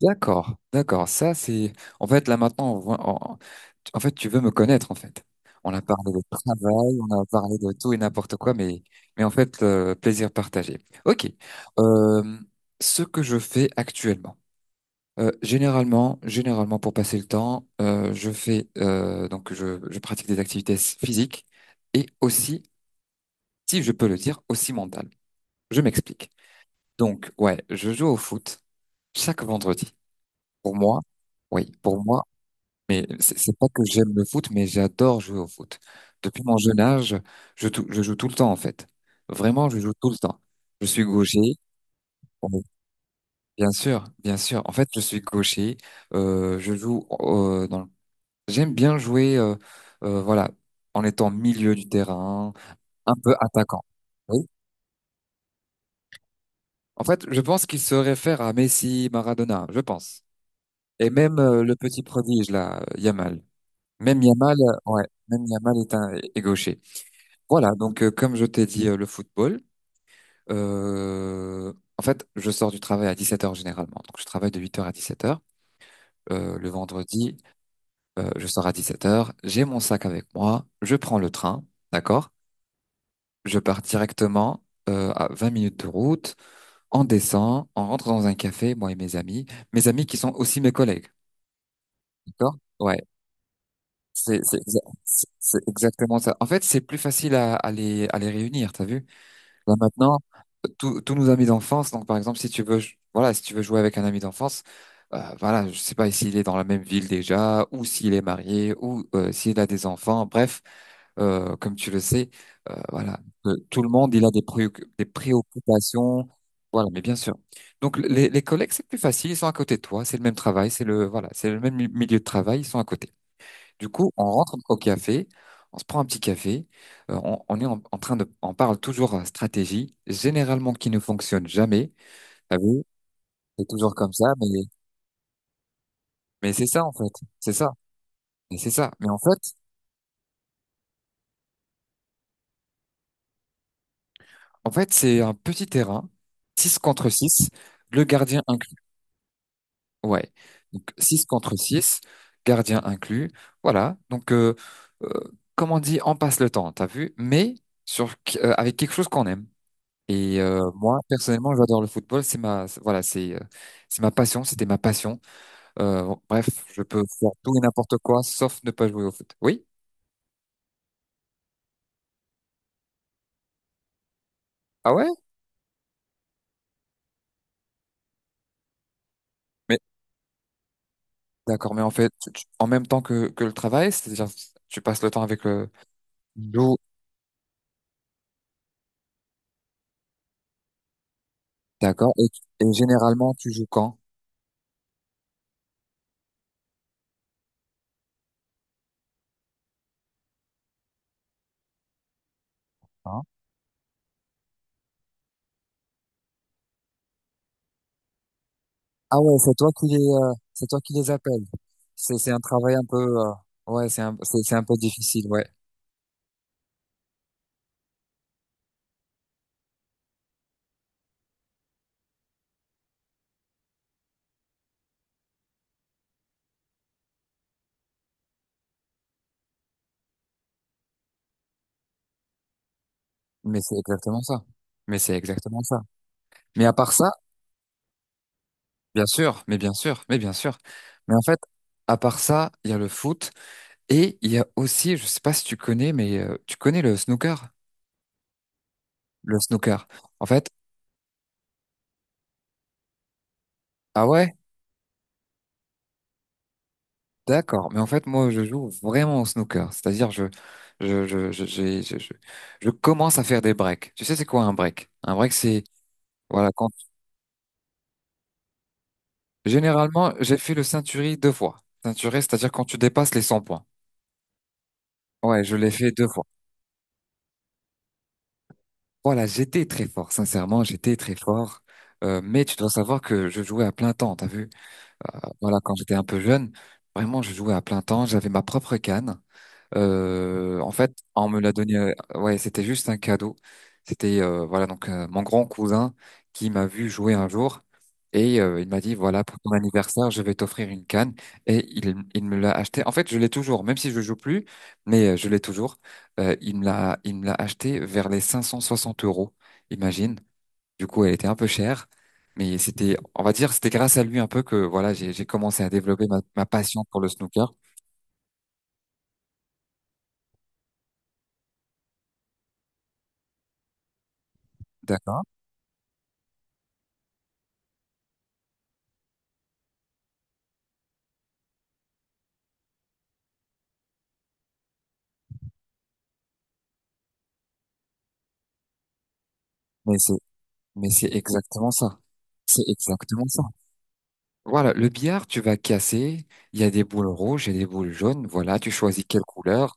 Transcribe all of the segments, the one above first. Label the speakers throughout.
Speaker 1: D'accord, d'accord. Ça, c'est. En fait, là maintenant, on- en fait, tu veux me connaître, en fait. On a parlé de travail, on a parlé de tout et n'importe quoi, mais en fait, le plaisir partagé. Ok. Euh, ce que je fais actuellement. Généralement pour passer le temps, je fais donc je pratique des activités physiques et aussi, si je peux le dire, aussi mentales. Je m'explique. Donc ouais, je joue au foot chaque vendredi. Pour moi, oui, pour moi. Mais c'est pas que j'aime le foot, mais j'adore jouer au foot. Depuis mon jeune âge, je joue tout le temps en fait. Vraiment, je joue tout le temps. Je suis gaucher. Bon, bien sûr, bien sûr. En fait, je suis gaucher. Je joue j'aime bien jouer, voilà, en étant milieu du terrain, un peu attaquant. Oui. En fait, je pense qu'il se réfère à Messi, Maradona, je pense. Et même le petit prodige là, Yamal. Même Yamal, ouais, même Yamal est gaucher. Voilà, donc comme je t'ai dit, le football, en fait, je sors du travail à 17 heures généralement. Donc je travaille de 8 heures à 17 heures. Le vendredi, je sors à 17 heures. J'ai mon sac avec moi, je prends le train, d'accord? Je pars directement à 20 minutes de route, on descend, on rentre dans un café, moi et mes amis qui sont aussi mes collègues, d'accord? Ouais, c'est exactement ça. En fait, c'est plus facile à les réunir, t'as vu? Là maintenant, tous nos amis d'enfance, donc par exemple, si tu veux, voilà, si tu veux jouer avec un ami d'enfance, voilà, je sais pas s'il est dans la même ville déjà, ou s'il est marié, ou s'il a des enfants, bref, comme tu le sais, voilà, que tout le monde, il a des préoccupations, voilà, mais bien sûr. Donc les collègues, c'est plus facile, ils sont à côté de toi, c'est le même travail, voilà, c'est le même milieu de travail, ils sont à côté. Du coup, on rentre au café, on se prend un petit café, on est en, en train de, on parle toujours stratégie, généralement qui ne fonctionne jamais. T'as vu? C'est toujours comme ça, mais c'est ça en fait, c'est ça, et c'est ça. Mais en fait, c'est un petit terrain, six contre 6, le gardien inclus. Ouais, donc 6 contre 6, gardien inclus. Voilà, donc euh, comme on dit, on passe le temps, t'as vu? Mais sur avec quelque chose qu'on aime. Et moi, personnellement, j'adore le football. Voilà, c'est ma passion. C'était ma passion. Bon, bref, je peux faire tout et n'importe quoi, sauf ne pas jouer au foot. Oui? Ah ouais? Mais d'accord. Mais en fait, en même temps que le travail, c'est-à-dire, tu passes le temps avec le joue. D'accord. Et généralement, tu joues quand? Hein. Ah ouais, c'est toi qui les appelles. C'est un travail un peu, ouais, c'est un peu difficile, ouais. Mais c'est exactement ça. Mais c'est exactement ça. Mais à part ça. Bien sûr, mais bien sûr, mais bien sûr. Mais en fait, à part ça, il y a le foot et il y a aussi, je sais pas si tu connais, mais tu connais le snooker? Le snooker. En fait, ah ouais, d'accord. Mais en fait, moi, je joue vraiment au snooker. C'est-à-dire, je, j'ai- je commence à faire des breaks. Tu sais, c'est quoi un break? Un break, c'est, voilà, quand, généralement, j'ai fait le ceinturier deux fois. Ceinturier, c'est-à-dire quand tu dépasses les 100 points. Ouais, je l'ai fait deux fois. Voilà, j'étais très fort, sincèrement, j'étais très fort. Mais tu dois savoir que je jouais à plein temps, t'as vu? Voilà, quand j'étais un peu jeune, vraiment, je jouais à plein temps, j'avais ma propre canne. En fait, on me l'a donné. Ouais, c'était juste un cadeau. C'était voilà donc mon grand cousin qui m'a vu jouer un jour et il m'a dit voilà pour ton anniversaire je vais t'offrir une canne et il me l'a acheté. En fait, je l'ai toujours, même si je joue plus, mais je l'ai toujours. Il me l'a acheté vers les 560 euros. Imagine. Du coup, elle était un peu chère. Mais c'était, on va dire, c'était grâce à lui un peu que voilà, j'ai commencé à développer ma passion pour le snooker. D'accord. Mais c'est Mais c'est exactement ça. C'est exactement ça. Voilà, le billard, tu vas casser. Il y a des boules rouges, et des boules jaunes. Voilà, tu choisis quelle couleur.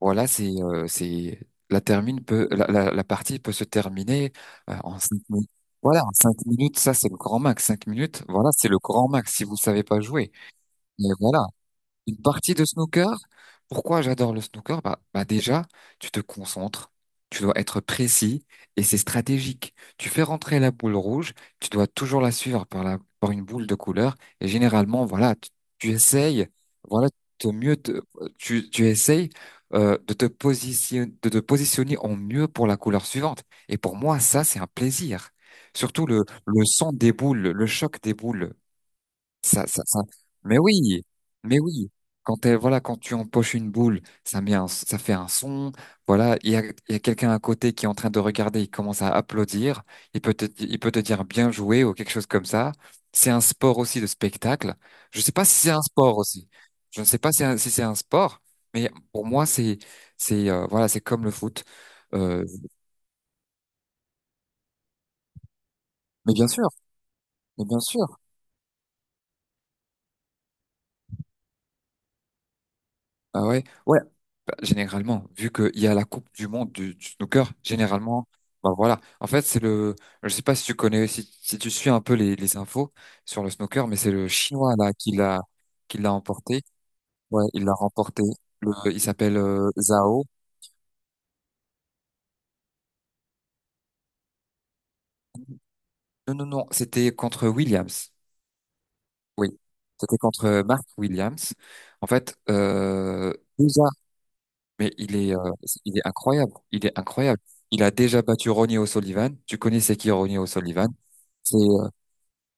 Speaker 1: Voilà, c'est la termine peut la, la, la partie peut se terminer en 5 minutes. Voilà, en 5 minutes, ça c'est le grand max. 5 minutes, voilà, c'est le grand max si vous savez pas jouer. Mais voilà, une partie de snooker? Pourquoi j'adore le snooker? Bah déjà, tu te concentres, tu dois être précis et c'est stratégique. Tu fais rentrer la boule rouge, tu dois toujours la suivre par par une boule de couleur et généralement, voilà, tu essayes, voilà, de mieux te- tu essayes de te positionner en mieux pour la couleur suivante. Et pour moi, ça, c'est un plaisir. Surtout le son des boules, le choc des boules. Ça, ça, ça- Mais oui, mais oui. Voilà, quand tu empoches une boule, ça fait un son. Voilà, il y a quelqu'un à côté qui est en train de regarder. Il commence à applaudir. Il peut te dire bien joué ou quelque chose comme ça. C'est un sport aussi de spectacle. Je sais pas si c'est un sport aussi. Je ne sais pas si c'est un sport, mais pour moi c'est comme le foot. Euh, mais bien sûr, mais bien sûr. Ah ouais, ouais. Bah, généralement, vu qu'il y a la Coupe du Monde du snooker, généralement, bah voilà. En fait, je sais pas si tu connais, si tu suis un peu les infos sur le snooker, mais c'est le Chinois là qui l'a emporté. Ouais, il l'a remporté. Il s'appelle Zhao. Non, non, non, c'était contre Williams. Oui, c'était contre Mark Williams. En fait, Mais il est, euh, il est incroyable. Il est incroyable. Il a déjà battu Ronnie O'Sullivan. Tu connais c'est qui Ronnie O'Sullivan? C'est, euh,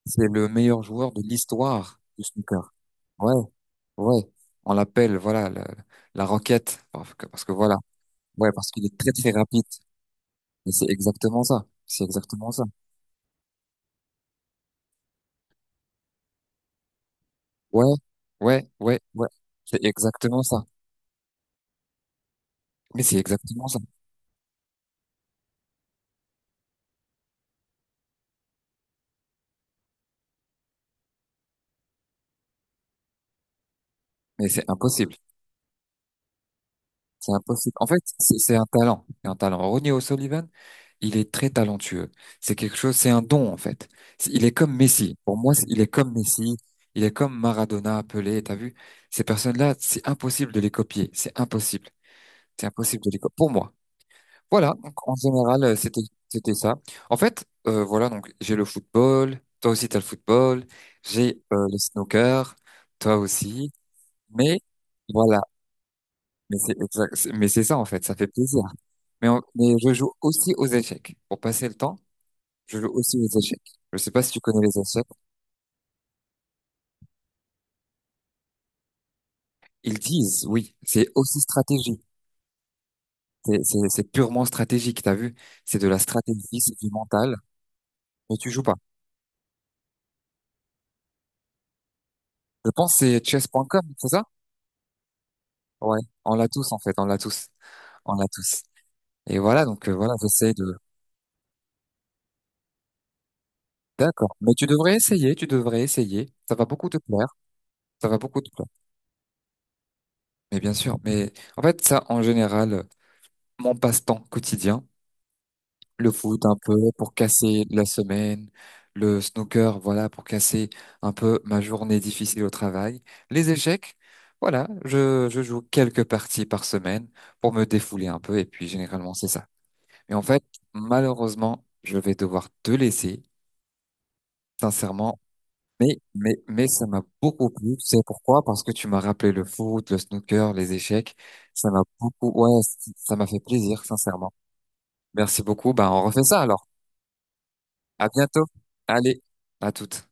Speaker 1: c'est le meilleur joueur de l'histoire du snooker. Ouais, ouais. On l'appelle, voilà, la roquette. Parce que voilà. Ouais, parce qu'il est très, très rapide. Et c'est exactement ça. C'est exactement ça. Ouais, ouais, ouais, ouais. C'est exactement ça. Mais c'est exactement ça. Mais c'est impossible. C'est impossible. En fait, c'est un talent. C'est un talent. Ronnie O'Sullivan, il est très talentueux. C'est quelque chose, c'est un don, en fait. Il est comme Messi. Pour moi, il est comme Messi. Il est comme Maradona, Pelé. T'as vu? Ces personnes-là, c'est impossible de les copier. C'est impossible. C'est impossible de les copier. Pour moi. Voilà. Donc, en général, c'était ça. En fait, voilà. Donc, j'ai le football. Toi aussi, t'as le football. J'ai, le snooker. Toi aussi. Mais, voilà. Mais c'est ça, en fait. Ça fait plaisir. Mais je joue aussi aux échecs. Pour passer le temps, je joue aussi aux échecs. Je sais pas si tu connais les échecs. Ils disent, oui, c'est aussi stratégie. C'est purement stratégique, t'as vu? C'est de la stratégie, c'est du mental, mais tu joues pas. Je pense que c'est chess.com, c'est ça? Ouais, on l'a tous en fait, on l'a tous, on l'a tous. Et voilà, donc voilà, j'essaie de... D'accord, mais tu devrais essayer, tu devrais essayer. Ça va beaucoup te plaire, ça va beaucoup te plaire. Mais bien sûr, mais en fait ça, en général, mon passe-temps quotidien. Le foot un peu pour casser la semaine, le snooker, voilà, pour casser un peu ma journée difficile au travail, les échecs, voilà, je joue quelques parties par semaine pour me défouler un peu et puis généralement c'est ça. Mais en fait, malheureusement, je vais devoir te laisser, sincèrement, mais ça m'a beaucoup plu, tu sais pourquoi? Parce que tu m'as rappelé le foot, le snooker, les échecs, ouais, ça m'a fait plaisir, sincèrement. Merci beaucoup, ben on refait ça alors. À bientôt. Allez, à toutes.